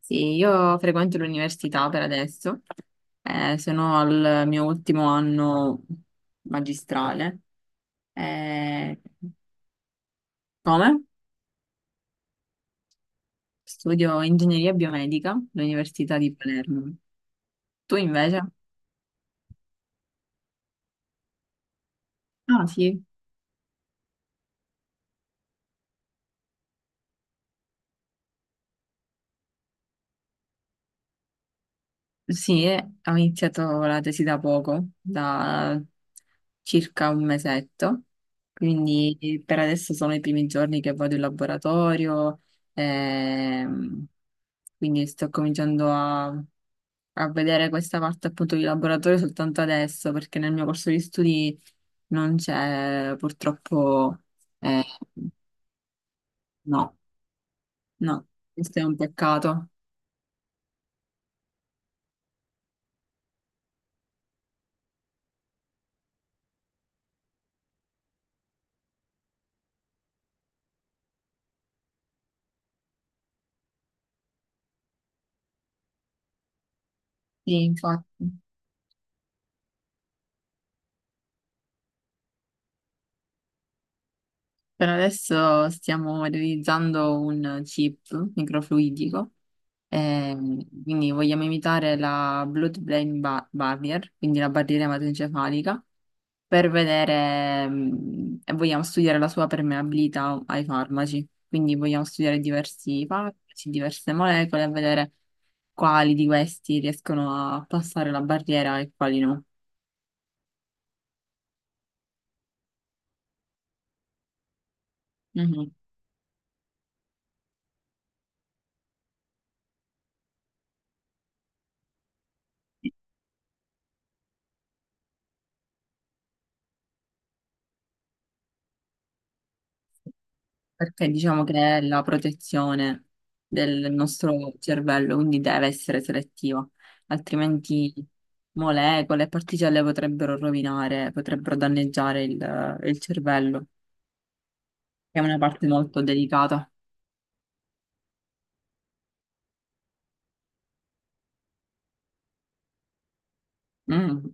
Sì, io frequento l'università per adesso, sono al mio ultimo anno magistrale. Eh, come? Studio ingegneria biomedica all'Università di Palermo. Tu invece? Ah, sì. Sì, ho iniziato la tesi da poco, da circa un mesetto, quindi per adesso sono i primi giorni che vado in laboratorio, ehm, quindi sto cominciando a vedere questa parte appunto di laboratorio soltanto adesso, perché nel mio corso di studi non c'è purtroppo, eh, no, no, questo è un peccato. Sì, infatti. Per adesso stiamo realizzando un chip microfluidico, quindi vogliamo imitare la barrier, quindi la barriera ematoencefalica, per vedere, e vogliamo studiare la sua permeabilità ai farmaci. Quindi vogliamo studiare diversi farmaci, diverse molecole e vedere quali di questi riescono a passare la barriera e quali no. Mhm. Perché diciamo che è la protezione del nostro cervello, quindi deve essere selettiva, altrimenti molecole e particelle potrebbero rovinare, potrebbero danneggiare il cervello, che è una parte molto delicata. Mm.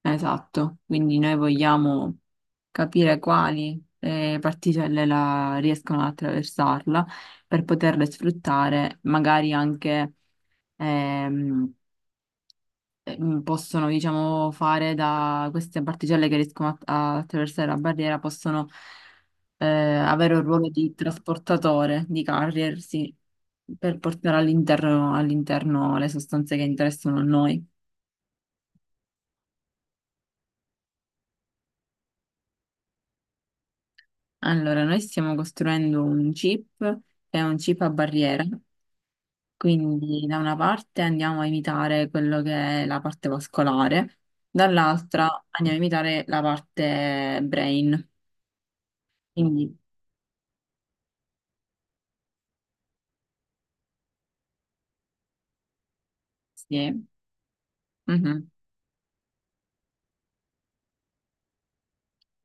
Esatto, quindi noi vogliamo capire quali riescono ad attraversarla per poterle sfruttare, magari anche ehm, possono, diciamo, fare da queste particelle che riescono a attraversare la barriera, possono avere un ruolo di trasportatore, di carrier, sì, per portare all'interno le sostanze che interessano a noi. Allora, noi stiamo costruendo un chip, che è un chip a barriera, quindi da una parte andiamo a imitare quello che è la parte vascolare, dall'altra andiamo a imitare la parte brain. Quindi, sì. Mhm.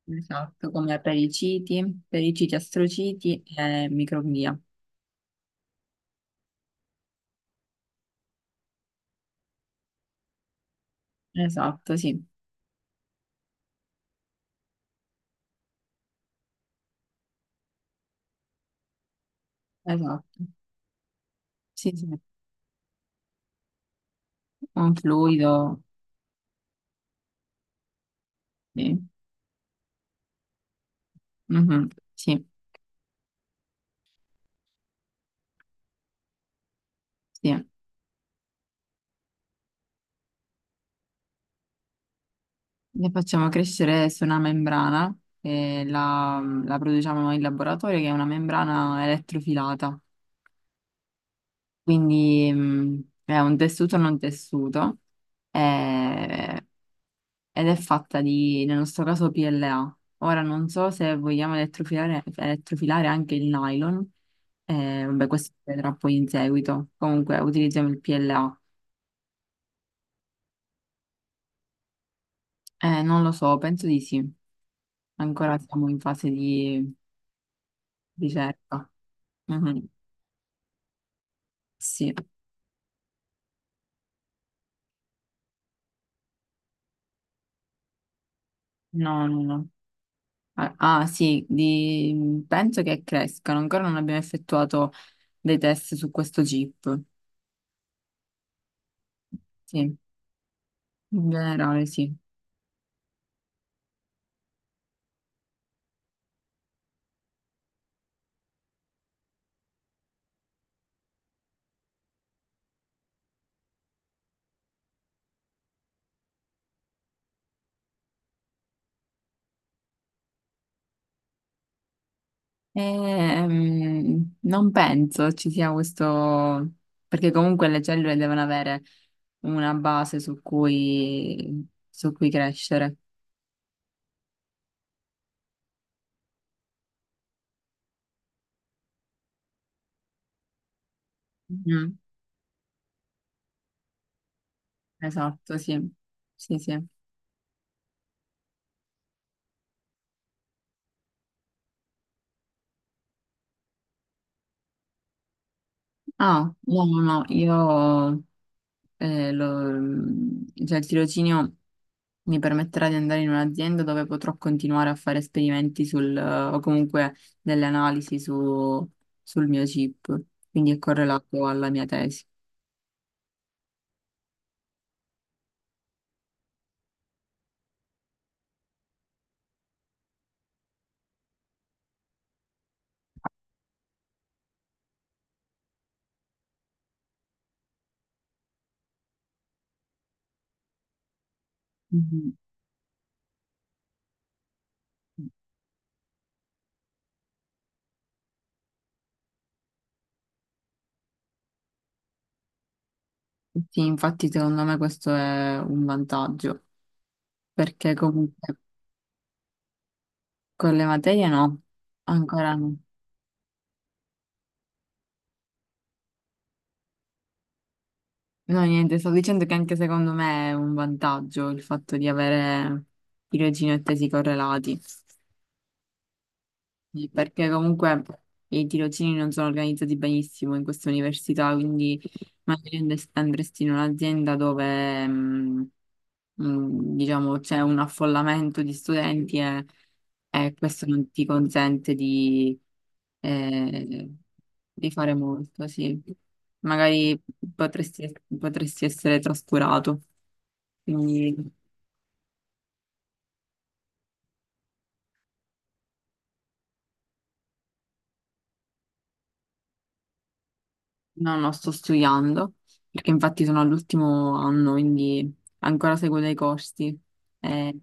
Esatto, come periciti astrociti e microglia. Esatto, sì, esatto. Sì, sì, un fluido, sì. Mhm. Sì, sì. Le facciamo crescere su una membrana e la produciamo noi in laboratorio, che è una membrana elettrofilata. Quindi è un tessuto non tessuto. eh, Ed è fatta di, nel nostro caso, PLA. Ora non so se vogliamo elettrofilare, elettrofilare anche il nylon, vabbè, questo si vedrà poi in seguito. Comunque utilizziamo il PLA. Non lo so, penso di sì. Ancora siamo in fase di ricerca. Mhm. Sì, no, no, no. Ah, ah, sì, di- penso che crescano. Ancora non abbiamo effettuato dei test su questo chip. Sì, in generale, sì. Non penso ci sia questo, perché comunque le cellule devono avere una base su cui crescere. Mm, esatto, sì. Sì, sì. Ah, no, no, no, io eh, lo- cioè il tirocinio mi permetterà di andare in un'azienda dove potrò continuare a fare esperimenti sul, o comunque delle analisi su- sul mio chip, quindi è correlato alla mia tesi. Mhm. Sì, infatti secondo me questo è un vantaggio, perché comunque con le materie no, ancora no. No, niente, sto dicendo che anche secondo me è un vantaggio il fatto di avere tirocini e tesi correlati. Sì, perché comunque i tirocini non sono organizzati benissimo in questa università, quindi magari andresti in un'azienda dove, diciamo, c'è un affollamento di studenti e questo non ti consente eh, di fare molto, sì. Magari potresti, potresti essere trascurato. Quindi no, no, sto studiando, perché infatti sono all'ultimo anno, quindi ancora seguo dei corsi. Eh,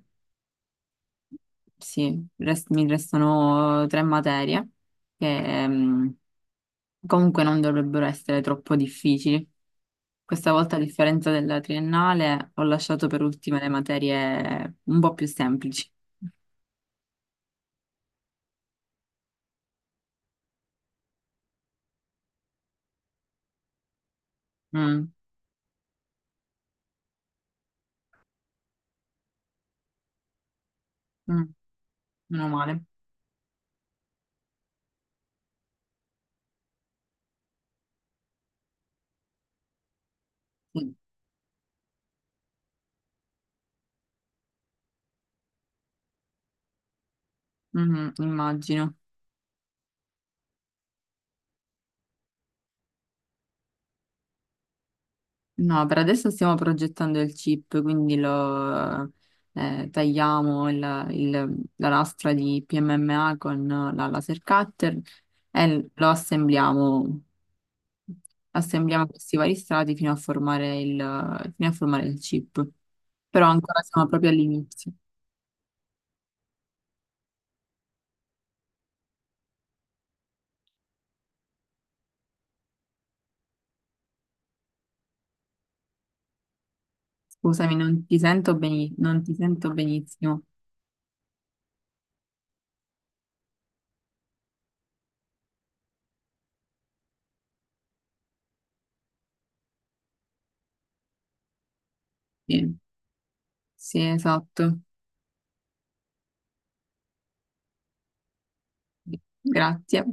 sì, mi restano 3 materie che comunque non dovrebbero essere troppo difficili. Questa volta, a differenza della triennale, ho lasciato per ultime le materie un po' più semplici. Mm, mm, Meno male. Sì. Mhm, immagino. No, per adesso stiamo progettando il chip, quindi lo tagliamo la lastra di PMMA con la laser cutter e lo assembliamo, assembliamo questi vari strati fino a formare fino a formare il chip. Però ancora siamo proprio all'inizio. Scusami, non ti sento benissimo. Sì, sì, esatto. Grazie.